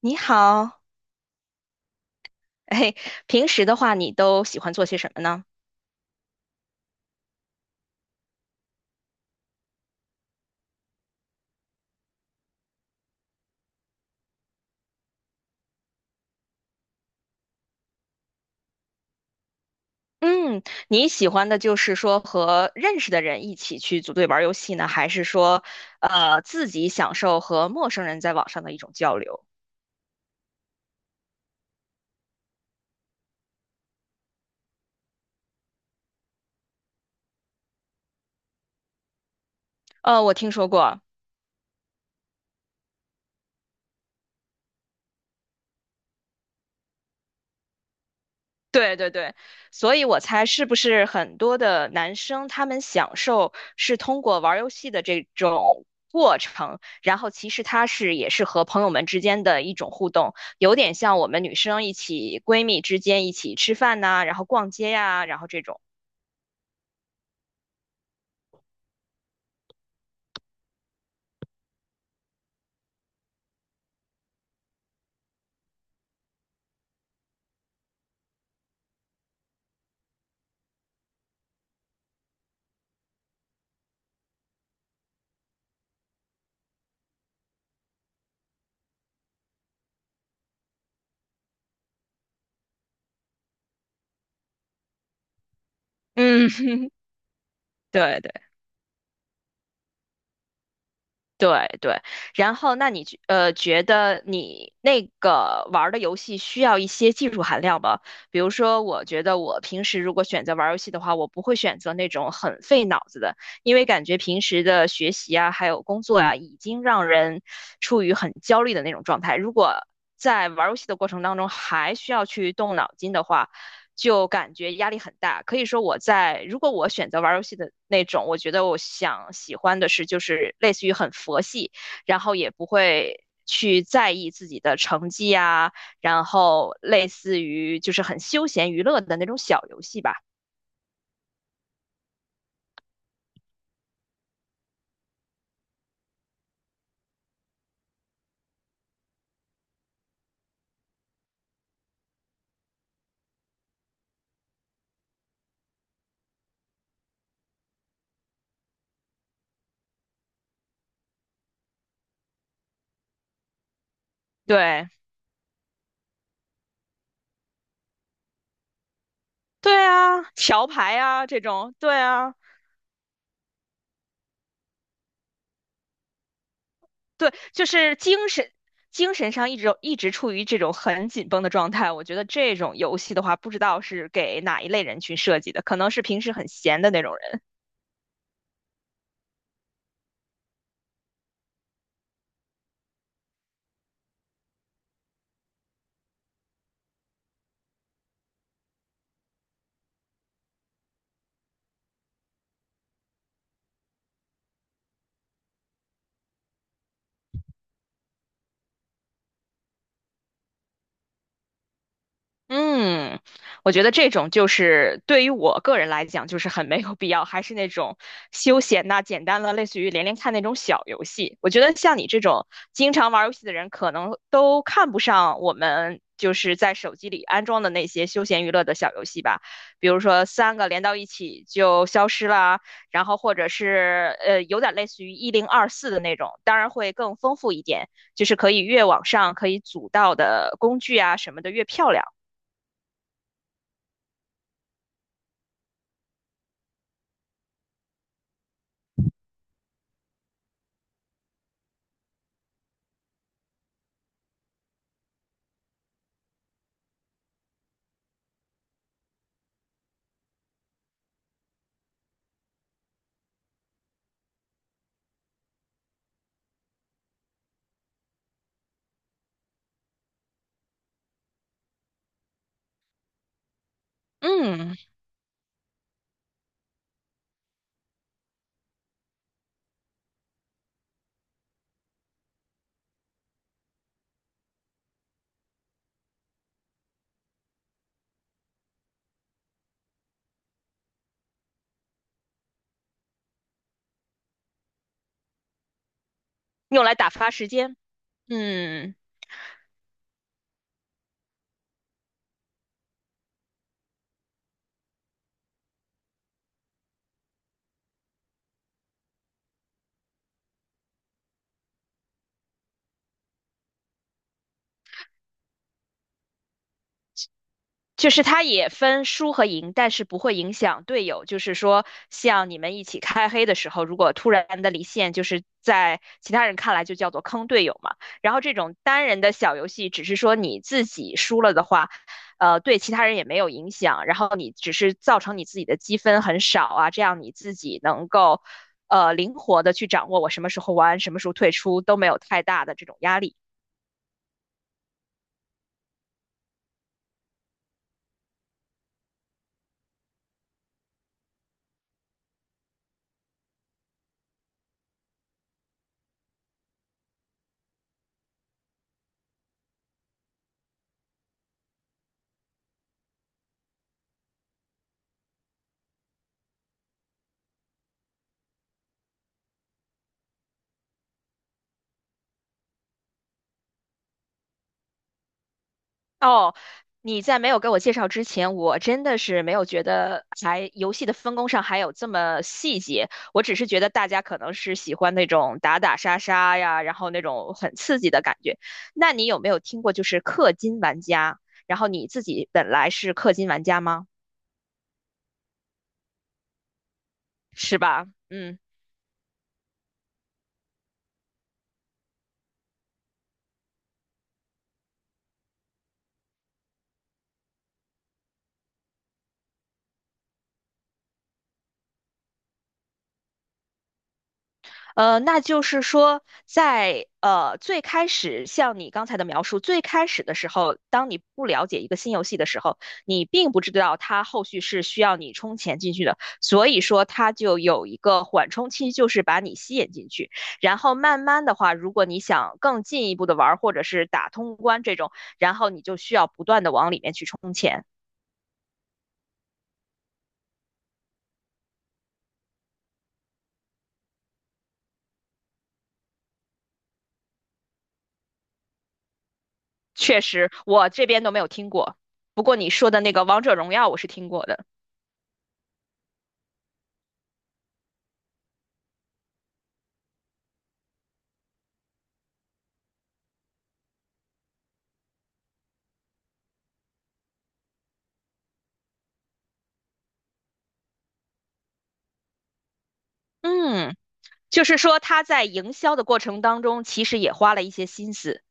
你好，哎，平时的话，你都喜欢做些什么呢？嗯，你喜欢的就是说和认识的人一起去组队玩游戏呢，还是说，自己享受和陌生人在网上的一种交流？我听说过，对对对，所以我猜是不是很多的男生他们享受是通过玩儿游戏的这种过程，然后其实他是也是和朋友们之间的一种互动，有点像我们女生一起闺蜜之间一起吃饭呐、然后逛街呀、然后这种。嗯，对对。对对，然后那你觉得你那个玩儿的游戏需要一些技术含量吗？比如说，我觉得我平时如果选择玩儿游戏的话，我不会选择那种很费脑子的，因为感觉平时的学习啊，还有工作啊，已经让人处于很焦虑的那种状态。如果在玩儿游戏的过程当中还需要去动脑筋的话，就感觉压力很大。可以说我在，如果我选择玩游戏的那种，我觉得我想喜欢的是就是类似于很佛系，然后也不会去在意自己的成绩啊，然后类似于就是很休闲娱乐的那种小游戏吧。对，对啊，桥牌啊这种，对啊。对，就是精神上一直处于这种很紧绷的状态。我觉得这种游戏的话，不知道是给哪一类人群设计的，可能是平时很闲的那种人。嗯，我觉得这种就是对于我个人来讲，就是很没有必要，还是那种休闲呐、简单的，类似于连连看那种小游戏。我觉得像你这种经常玩游戏的人，可能都看不上我们就是在手机里安装的那些休闲娱乐的小游戏吧，比如说三个连到一起就消失啦，然后或者是有点类似于1024的那种，当然会更丰富一点，就是可以越往上可以组到的工具啊什么的越漂亮。嗯，用来打发时间。嗯，就是它也分输和赢，但是不会影响队友。就是说，像你们一起开黑的时候，如果突然的离线，就是在其他人看来就叫做坑队友嘛。然后这种单人的小游戏，只是说你自己输了的话，对其他人也没有影响。然后你只是造成你自己的积分很少啊，这样你自己能够灵活的去掌握我什么时候玩，什么时候退出，都没有太大的这种压力。哦，你在没有给我介绍之前，我真的是没有觉得还游戏的分工上还有这么细节。我只是觉得大家可能是喜欢那种打打杀杀呀，然后那种很刺激的感觉。那你有没有听过就是氪金玩家？然后你自己本来是氪金玩家吗？是吧？嗯。那就是说，在最开始，像你刚才的描述，最开始的时候，当你不了解一个新游戏的时候，你并不知道它后续是需要你充钱进去的，所以说它就有一个缓冲期，就是把你吸引进去。然后慢慢的话，如果你想更进一步的玩儿，或者是打通关这种，然后你就需要不断的往里面去充钱。确实，我这边都没有听过，不过你说的那个《王者荣耀》，我是听过的。嗯。就是说他在营销的过程当中，其实也花了一些心思。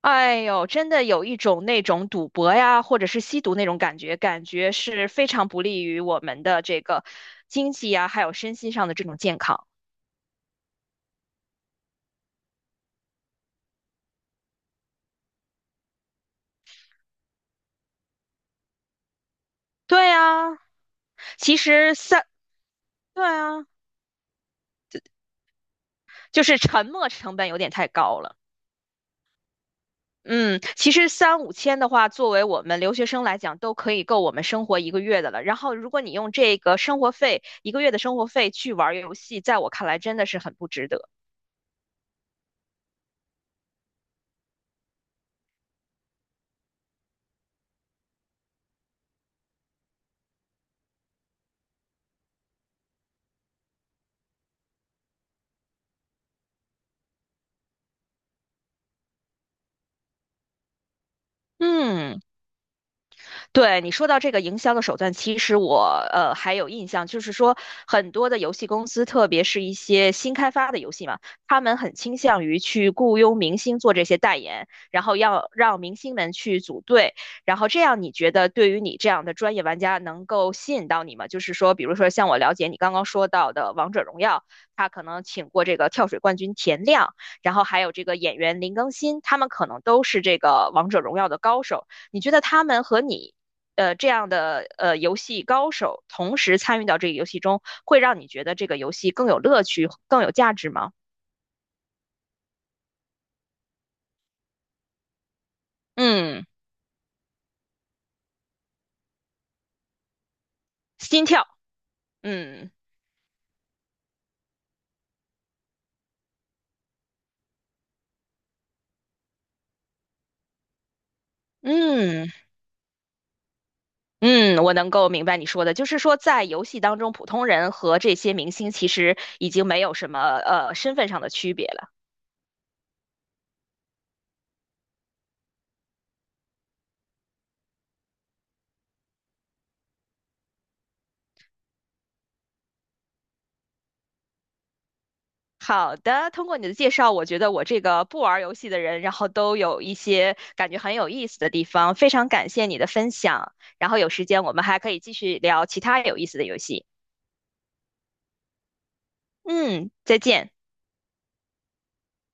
哎呦，真的有一种那种赌博呀，或者是吸毒那种感觉，感觉是非常不利于我们的这个经济呀，还有身心上的这种健康。对啊，其实三，对啊，就是沉没成本有点太高了。嗯，其实三五千的话，作为我们留学生来讲，都可以够我们生活一个月的了。然后，如果你用这个生活费，一个月的生活费去玩儿游戏，在我看来真的是很不值得。嗯。对你说到这个营销的手段，其实我还有印象，就是说很多的游戏公司，特别是一些新开发的游戏嘛，他们很倾向于去雇佣明星做这些代言，然后要让明星们去组队，然后这样你觉得对于你这样的专业玩家能够吸引到你吗？就是说，比如说像我了解你刚刚说到的《王者荣耀》，他可能请过这个跳水冠军田亮，然后还有这个演员林更新，他们可能都是这个《王者荣耀》的高手，你觉得他们和你？这样的游戏高手同时参与到这个游戏中，会让你觉得这个游戏更有乐趣、更有价值吗？嗯，心跳，嗯。嗯嗯，我能够明白你说的，就是说在游戏当中，普通人和这些明星其实已经没有什么身份上的区别了。好的，通过你的介绍，我觉得我这个不玩游戏的人，然后都有一些感觉很有意思的地方，非常感谢你的分享。然后有时间我们还可以继续聊其他有意思的游戏。嗯，再见。